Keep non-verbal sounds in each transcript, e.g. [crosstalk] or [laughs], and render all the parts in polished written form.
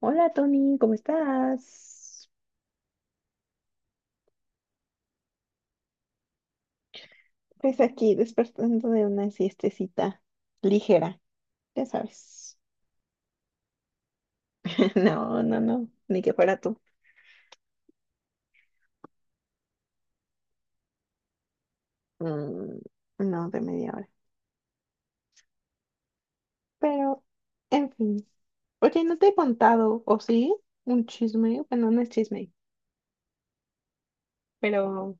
Hola Tony, ¿cómo estás? Pues aquí despertando de una siestecita ligera, ya sabes. [laughs] No, no, no, ni que fuera tú. Mm, no de media hora. Pero, en fin. Oye, no te he contado, ¿o sí? Un chisme. Bueno, no es chisme, pero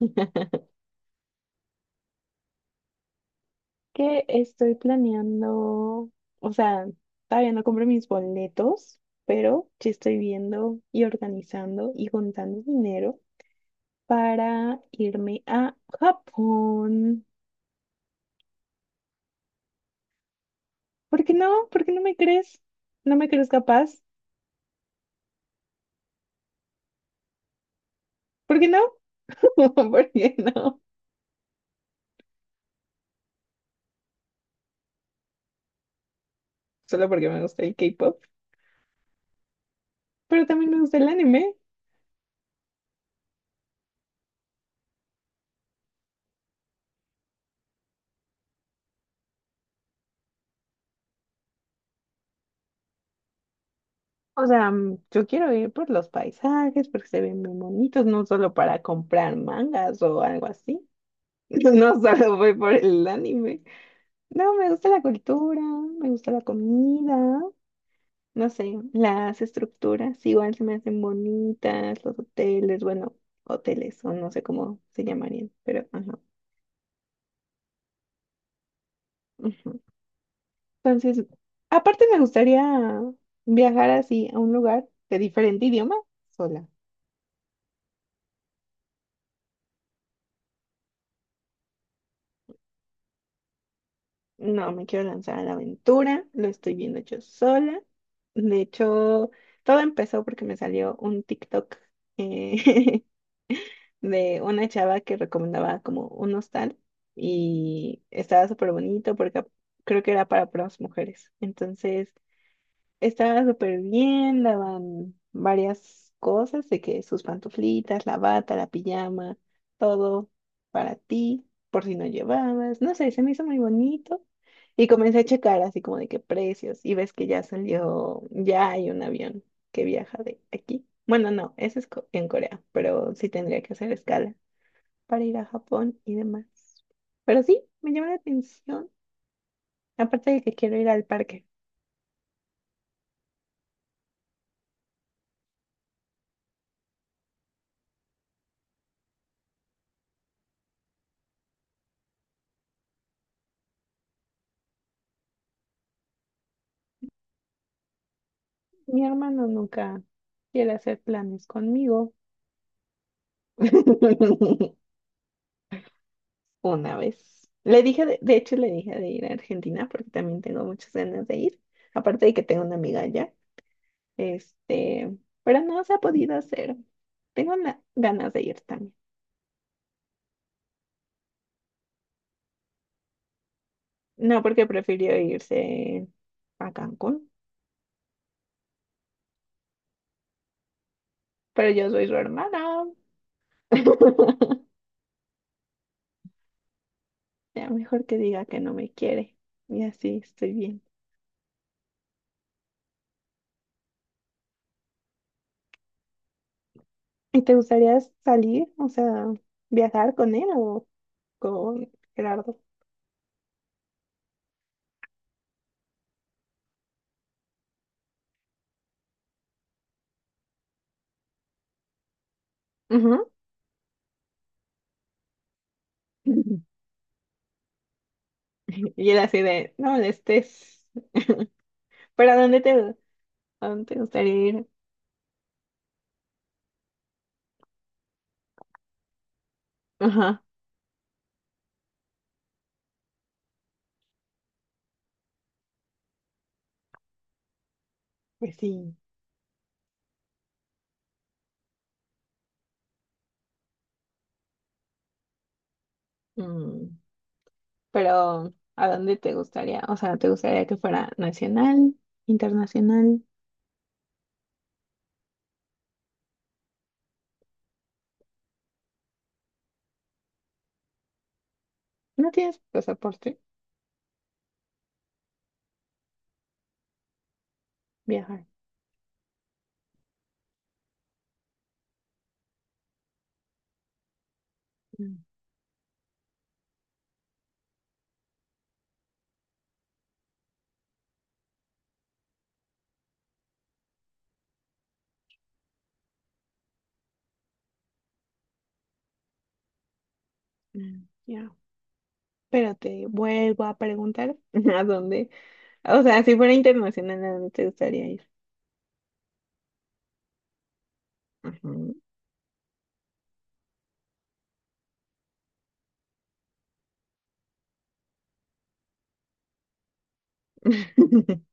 [laughs] que estoy planeando. O sea, todavía no compré mis boletos, pero ya estoy viendo y organizando y juntando dinero para irme a Japón. ¿Por qué no? ¿Por qué no me crees? ¿No me crees capaz? ¿Por qué no? [laughs] ¿Por qué no? Solo porque me gusta el K-pop, pero también me gusta el anime. O sea, yo quiero ir por los paisajes, porque se ven muy bonitos, no solo para comprar mangas o algo así. [laughs] No solo voy por el anime. No, me gusta la cultura, me gusta la comida. No sé, las estructuras igual se me hacen bonitas, los hoteles, bueno, hoteles o no sé cómo se llamarían, pero ajá. Ujú. Entonces, aparte me gustaría viajar así a un lugar de diferente idioma sola. No me quiero lanzar a la aventura, lo estoy viendo yo sola. De hecho, todo empezó porque me salió un TikTok. eh, [laughs] de una chava que recomendaba como un hostal y estaba súper bonito porque creo que era para puras mujeres. Entonces estaba súper bien, daban varias cosas de que sus pantuflitas, la bata, la pijama, todo para ti, por si no llevabas. No sé, se me hizo muy bonito. Y comencé a checar así como de qué precios y ves que ya salió, ya hay un avión que viaja de aquí. Bueno, no, ese es en Corea, pero sí tendría que hacer escala para ir a Japón y demás. Pero sí, me llama la atención, aparte de que quiero ir al parque. Mi hermano nunca quiere hacer planes conmigo. [laughs] Una vez. Le dije, de hecho, le dije de ir a Argentina porque también tengo muchas ganas de ir. Aparte de que tengo una amiga allá. Este, pero no se ha podido hacer. Tengo ganas de ir también. No, porque prefirió irse a Cancún. Pero yo soy su hermana. [laughs] Ya mejor que diga que no me quiere. Y así estoy bien. ¿Y te gustaría salir, o sea, viajar con él o con Gerardo? Ujú. [laughs] Y él así de, no molestes. ¿Pero a dónde te gustaría ir? Ajá, pues sí. Mm, Pero, ¿a dónde te gustaría? O sea, ¿te gustaría que fuera nacional, internacional? ¿No tienes pasaporte? Viajar. Mm, Ya. Pero te vuelvo a preguntar, [laughs] ¿a dónde? O sea, si fuera internacional, ¿a dónde te gustaría ir? Ajá. [laughs]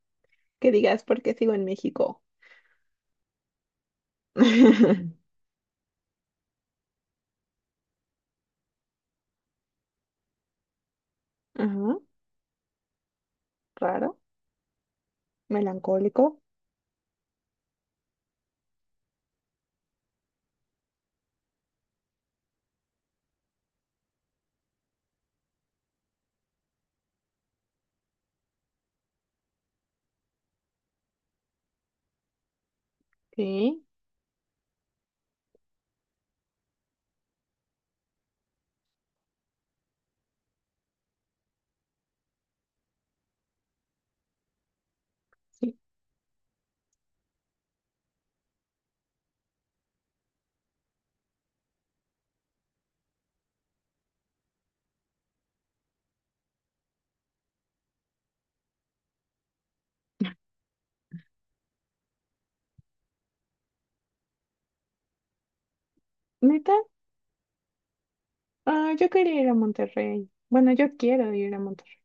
Que digas, ¿por qué sigo en México? [laughs] Ajá, raro, melancólico. Sí, sí. ¿Neta? Ah, yo quería ir a Monterrey. Bueno, yo quiero ir a Monterrey.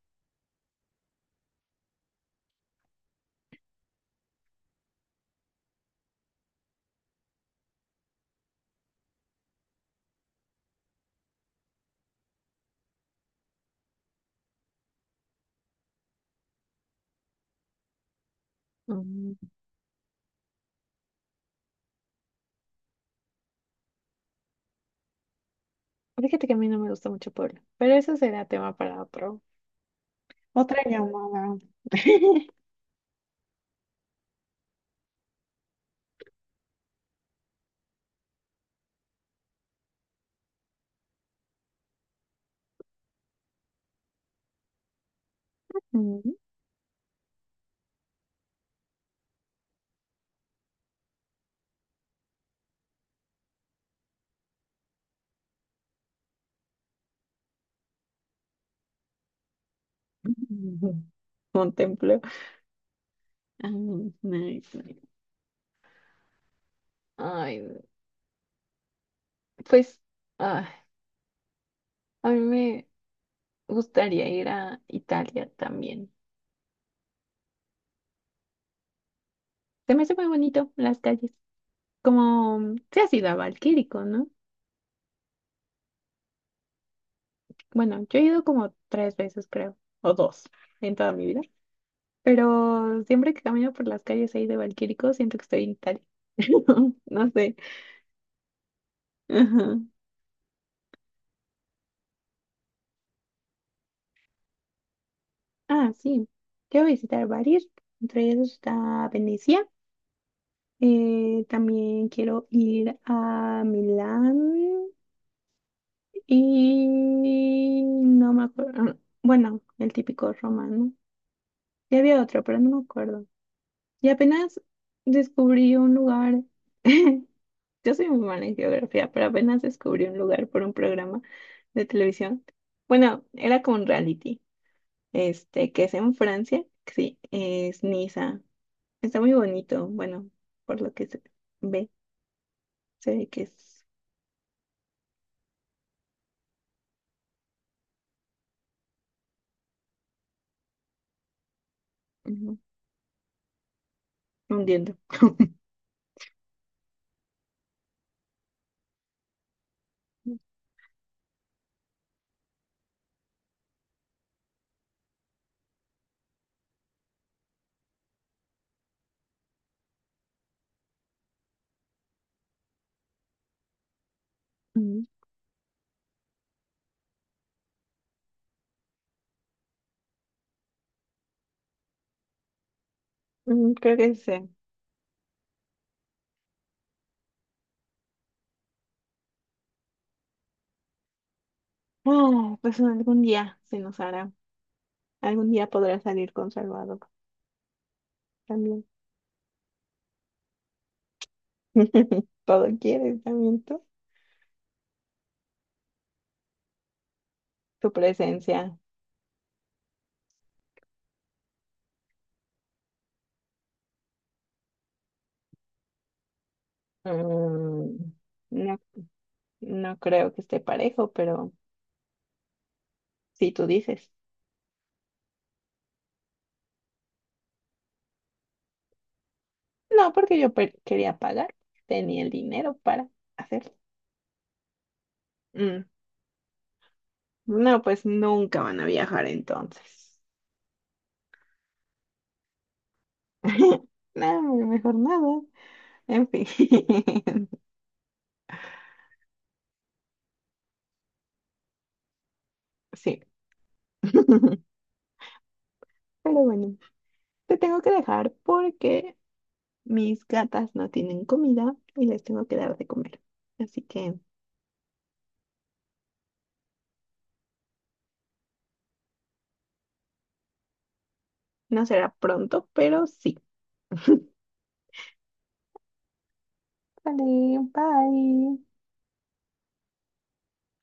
Mm, fíjate que a mí no me gusta mucho Puebla, pero eso será tema para otro. Otra llamada. [laughs] Mm. Contemplo. Ay, nice, nice. Ay, pues, ah, a mí me gustaría ir a Italia también. Se me hace muy bonito las calles. Como se ha sido a Valquírico, ¿no? Bueno, yo he ido como tres veces, creo, o dos en toda mi vida. Pero siempre que camino por las calles ahí de Valquírico, siento que estoy en Italia. [laughs] No sé. Ajá. Ah, sí. Quiero visitar varios. Entre ellos está Venecia. También quiero ir a Milán. Y no me acuerdo. Bueno, el típico romano. Y había otro, pero no me acuerdo. Y apenas descubrí un lugar. [laughs] Yo soy muy mala en geografía, pero apenas descubrí un lugar por un programa de televisión. Bueno, era como un reality, este, que es en Francia. Que sí, es Niza. Está muy bonito. Bueno, por lo que ve, se ve que es ujú, hundiendo. Ujú. Mm, creo que sí. Ah, pues algún día se nos hará. Algún día podrás salir con Salvador también. [laughs] Todo quieres también tú. Tu presencia. Mm, no, no creo que esté parejo, pero si tú dices. No, porque yo quería pagar. Tenía el dinero para hacerlo. Mm, no, pues nunca van a viajar entonces. [laughs] No, mejor nada. En fin. [laughs] Sí. [laughs] Pero bueno, te tengo que dejar porque mis gatas no tienen comida y les tengo que dar de comer. Así que no será pronto, pero sí. Vale, bye.